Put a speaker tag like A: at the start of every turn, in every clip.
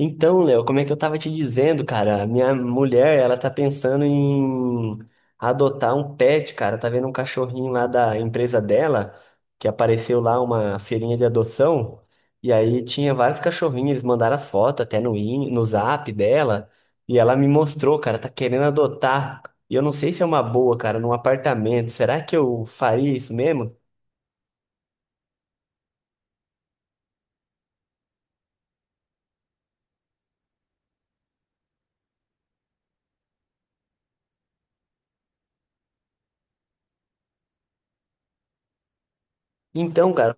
A: Então, Léo, como é que eu tava te dizendo, cara? A minha mulher, ela tá pensando em adotar um pet, cara. Tá vendo um cachorrinho lá da empresa dela, que apareceu lá uma feirinha de adoção. E aí tinha vários cachorrinhos, eles mandaram as fotos até no zap dela. E ela me mostrou, cara, tá querendo adotar. E eu não sei se é uma boa, cara, num apartamento. Será que eu faria isso mesmo? Então, cara,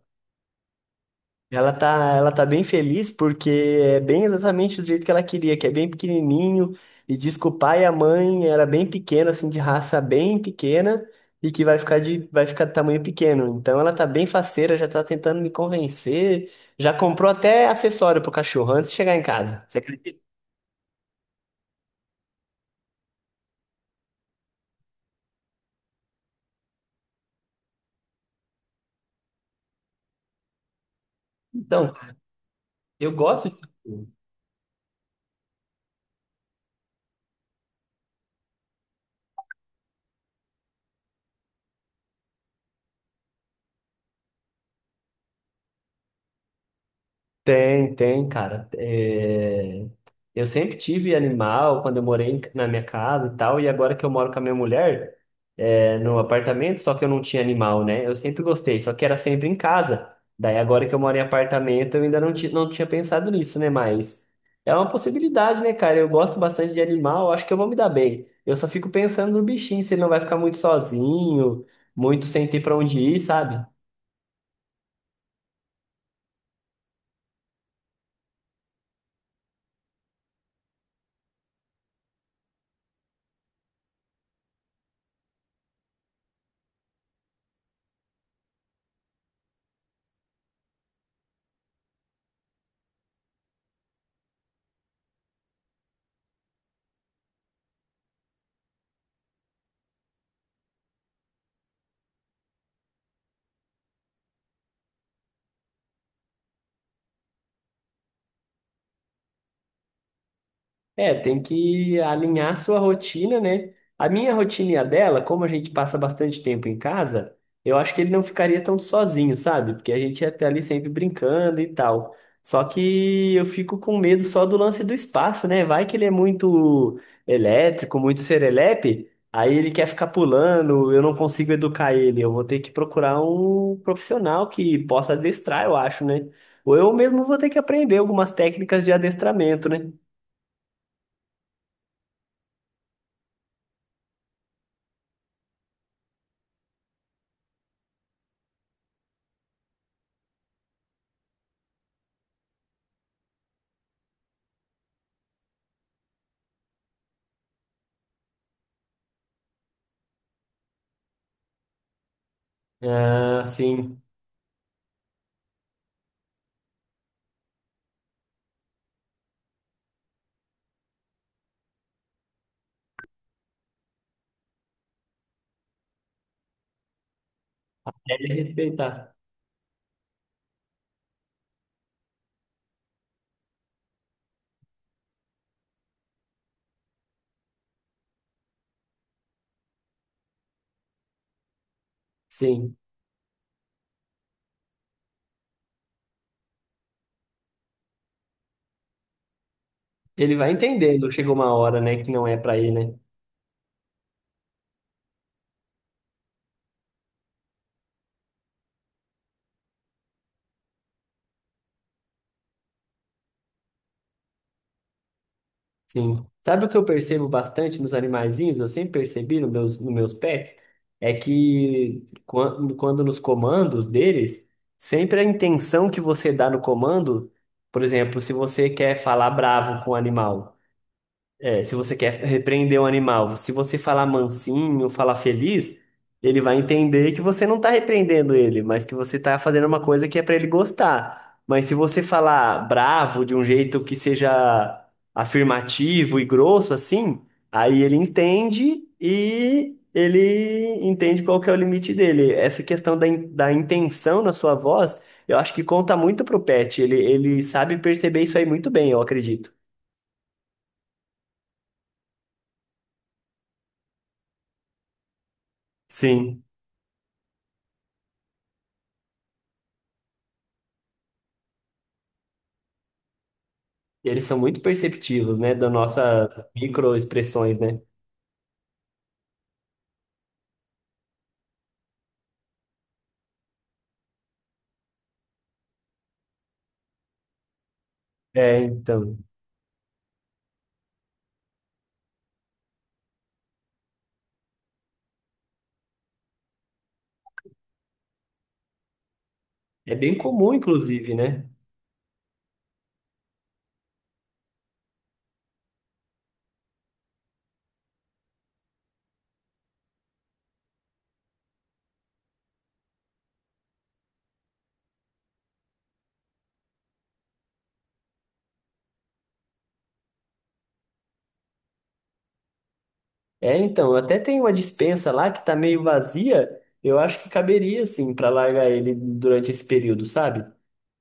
A: ela tá bem feliz porque é bem exatamente do jeito que ela queria, que é bem pequenininho e diz que o pai e a mãe era bem pequeno, assim, de raça bem pequena e que vai ficar de tamanho pequeno. Então ela tá bem faceira, já tá tentando me convencer, já comprou até acessório pro cachorro antes de chegar em casa. Você acredita? Eu tem, tem, cara. É, eu sempre tive animal quando eu morei na minha casa e tal, e agora que eu moro com a minha mulher no apartamento, só que eu não tinha animal, né? Eu sempre gostei, só que era sempre em casa. Daí agora que eu moro em apartamento, eu ainda não tinha pensado nisso, né? Mas é uma possibilidade, né, cara? Eu gosto bastante de animal, eu acho que eu vou me dar bem. Eu só fico pensando no bichinho, se ele não vai ficar muito sozinho, muito sem ter pra onde ir, sabe? É, tem que alinhar a sua rotina, né? A minha rotina e a dela, como a gente passa bastante tempo em casa, eu acho que ele não ficaria tão sozinho, sabe? Porque a gente ia estar ali sempre brincando e tal. Só que eu fico com medo só do lance do espaço, né? Vai que ele é muito elétrico, muito serelepe, aí ele quer ficar pulando, eu não consigo educar ele. Eu vou ter que procurar um profissional que possa adestrar, eu acho, né? Ou eu mesmo vou ter que aprender algumas técnicas de adestramento, né? Ah, sim. Deve respeitar. Sim. Ele vai entendendo, chega uma hora, né, que não é pra ele, né? Sim. Sabe o que eu percebo bastante nos animaizinhos? Eu sempre percebi nos meus pets, é que quando nos comandos deles, sempre a intenção que você dá no comando, por exemplo, se você quer falar bravo com o animal. É, se você quer repreender um animal, se você falar mansinho, falar feliz, ele vai entender que você não tá repreendendo ele, mas que você tá fazendo uma coisa que é pra ele gostar. Mas se você falar bravo de um jeito que seja afirmativo e grosso assim, aí ele entende e ele entende qual que é o limite dele. Essa questão da intenção na sua voz, eu acho que conta muito pro pet. Ele sabe perceber isso aí muito bem, eu acredito. Sim. E eles são muito perceptivos, né, das nossas microexpressões, né? É, então. É bem comum, inclusive, né? É, então. Até tem uma despensa lá que tá meio vazia. Eu acho que caberia, assim, pra largar ele durante esse período, sabe?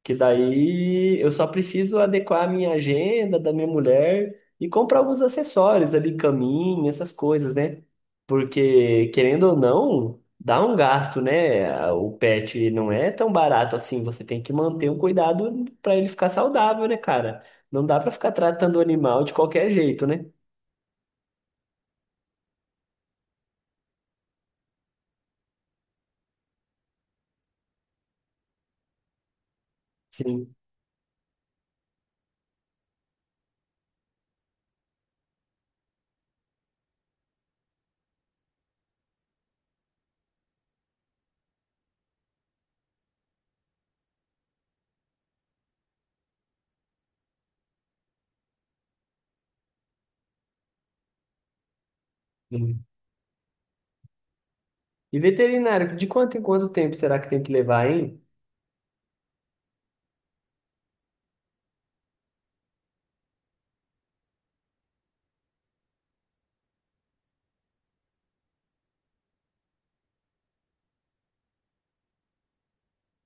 A: Que daí eu só preciso adequar a minha agenda da minha mulher e comprar alguns acessórios ali, caminho, essas coisas, né? Porque, querendo ou não, dá um gasto, né? O pet não é tão barato assim. Você tem que manter um cuidado para ele ficar saudável, né, cara? Não dá para ficar tratando o animal de qualquer jeito, né? Sim. Hum. E veterinário, de quanto em quanto tempo será que tem que levar, hein?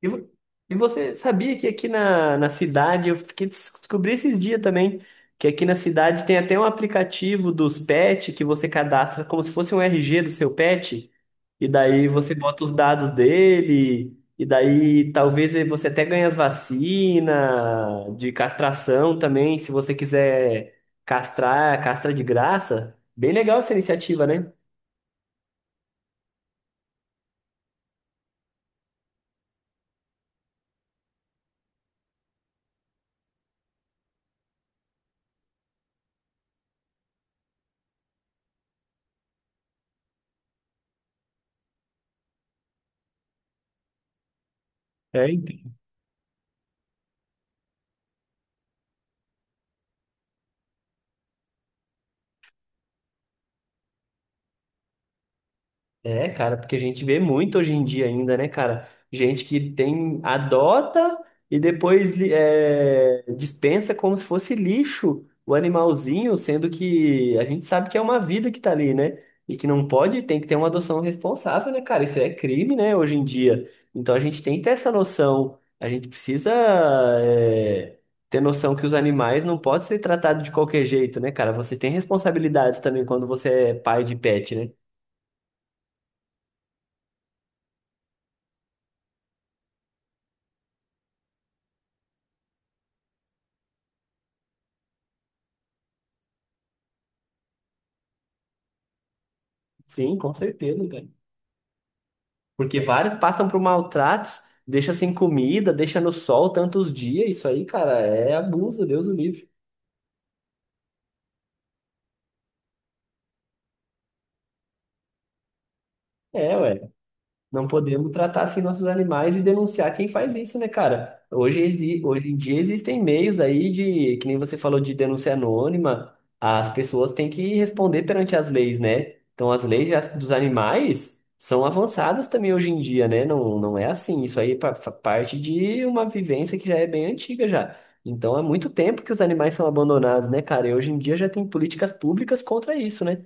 A: E, vo- e você sabia que aqui na cidade, eu descobri esses dias também, que aqui na cidade tem até um aplicativo dos pets que você cadastra como se fosse um RG do seu pet, e daí você bota os dados dele, e daí talvez você até ganhe as vacinas de castração também, se você quiser castrar, castra de graça. Bem legal essa iniciativa, né? É, é, cara, porque a gente vê muito hoje em dia ainda, né, cara? Gente que tem, adota e depois dispensa como se fosse lixo o animalzinho, sendo que a gente sabe que é uma vida que tá ali, né? E que não pode, tem que ter uma adoção responsável, né, cara? Isso é crime, né, hoje em dia. Então a gente tem que ter essa noção. A gente precisa, é, ter noção que os animais não podem ser tratados de qualquer jeito, né, cara? Você tem responsabilidades também quando você é pai de pet, né? Sim, com certeza, cara. Porque vários passam por maltratos, deixa sem comida, deixa no sol tantos dias. Isso aí, cara, é abuso, Deus o livre. É, ué. Não podemos tratar assim nossos animais e denunciar quem faz isso, né, cara? Hoje em dia existem meios aí de, que nem você falou de denúncia anônima, as pessoas têm que responder perante as leis, né? Então as leis dos animais são avançadas também hoje em dia, né? Não, não é assim, isso aí é parte de uma vivência que já é bem antiga já. Então há muito tempo que os animais são abandonados, né, cara? E hoje em dia já tem políticas públicas contra isso, né?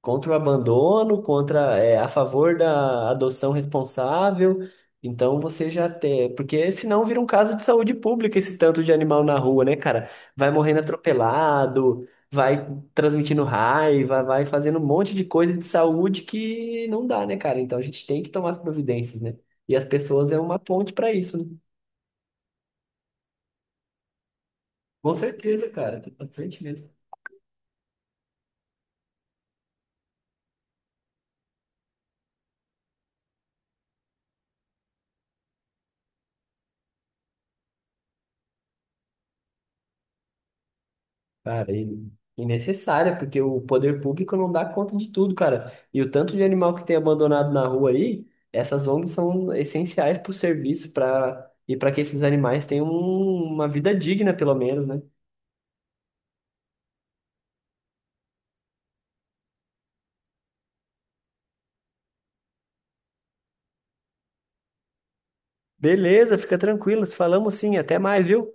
A: Contra o abandono, contra, é, a favor da adoção responsável. Então você já tem, porque senão vira um caso de saúde pública esse tanto de animal na rua, né, cara? Vai morrendo atropelado, vai transmitindo raiva, vai fazendo um monte de coisa de saúde que não dá, né, cara? Então a gente tem que tomar as providências, né? E as pessoas é uma ponte para isso, né? Com certeza, cara, tá pra frente mesmo. Cara, e necessária, porque o poder público não dá conta de tudo, cara. E o tanto de animal que tem abandonado na rua aí, essas ONGs são essenciais para o serviço para e para que esses animais tenham uma vida digna, pelo menos, né? Beleza, fica tranquilo. Falamos sim, até mais, viu?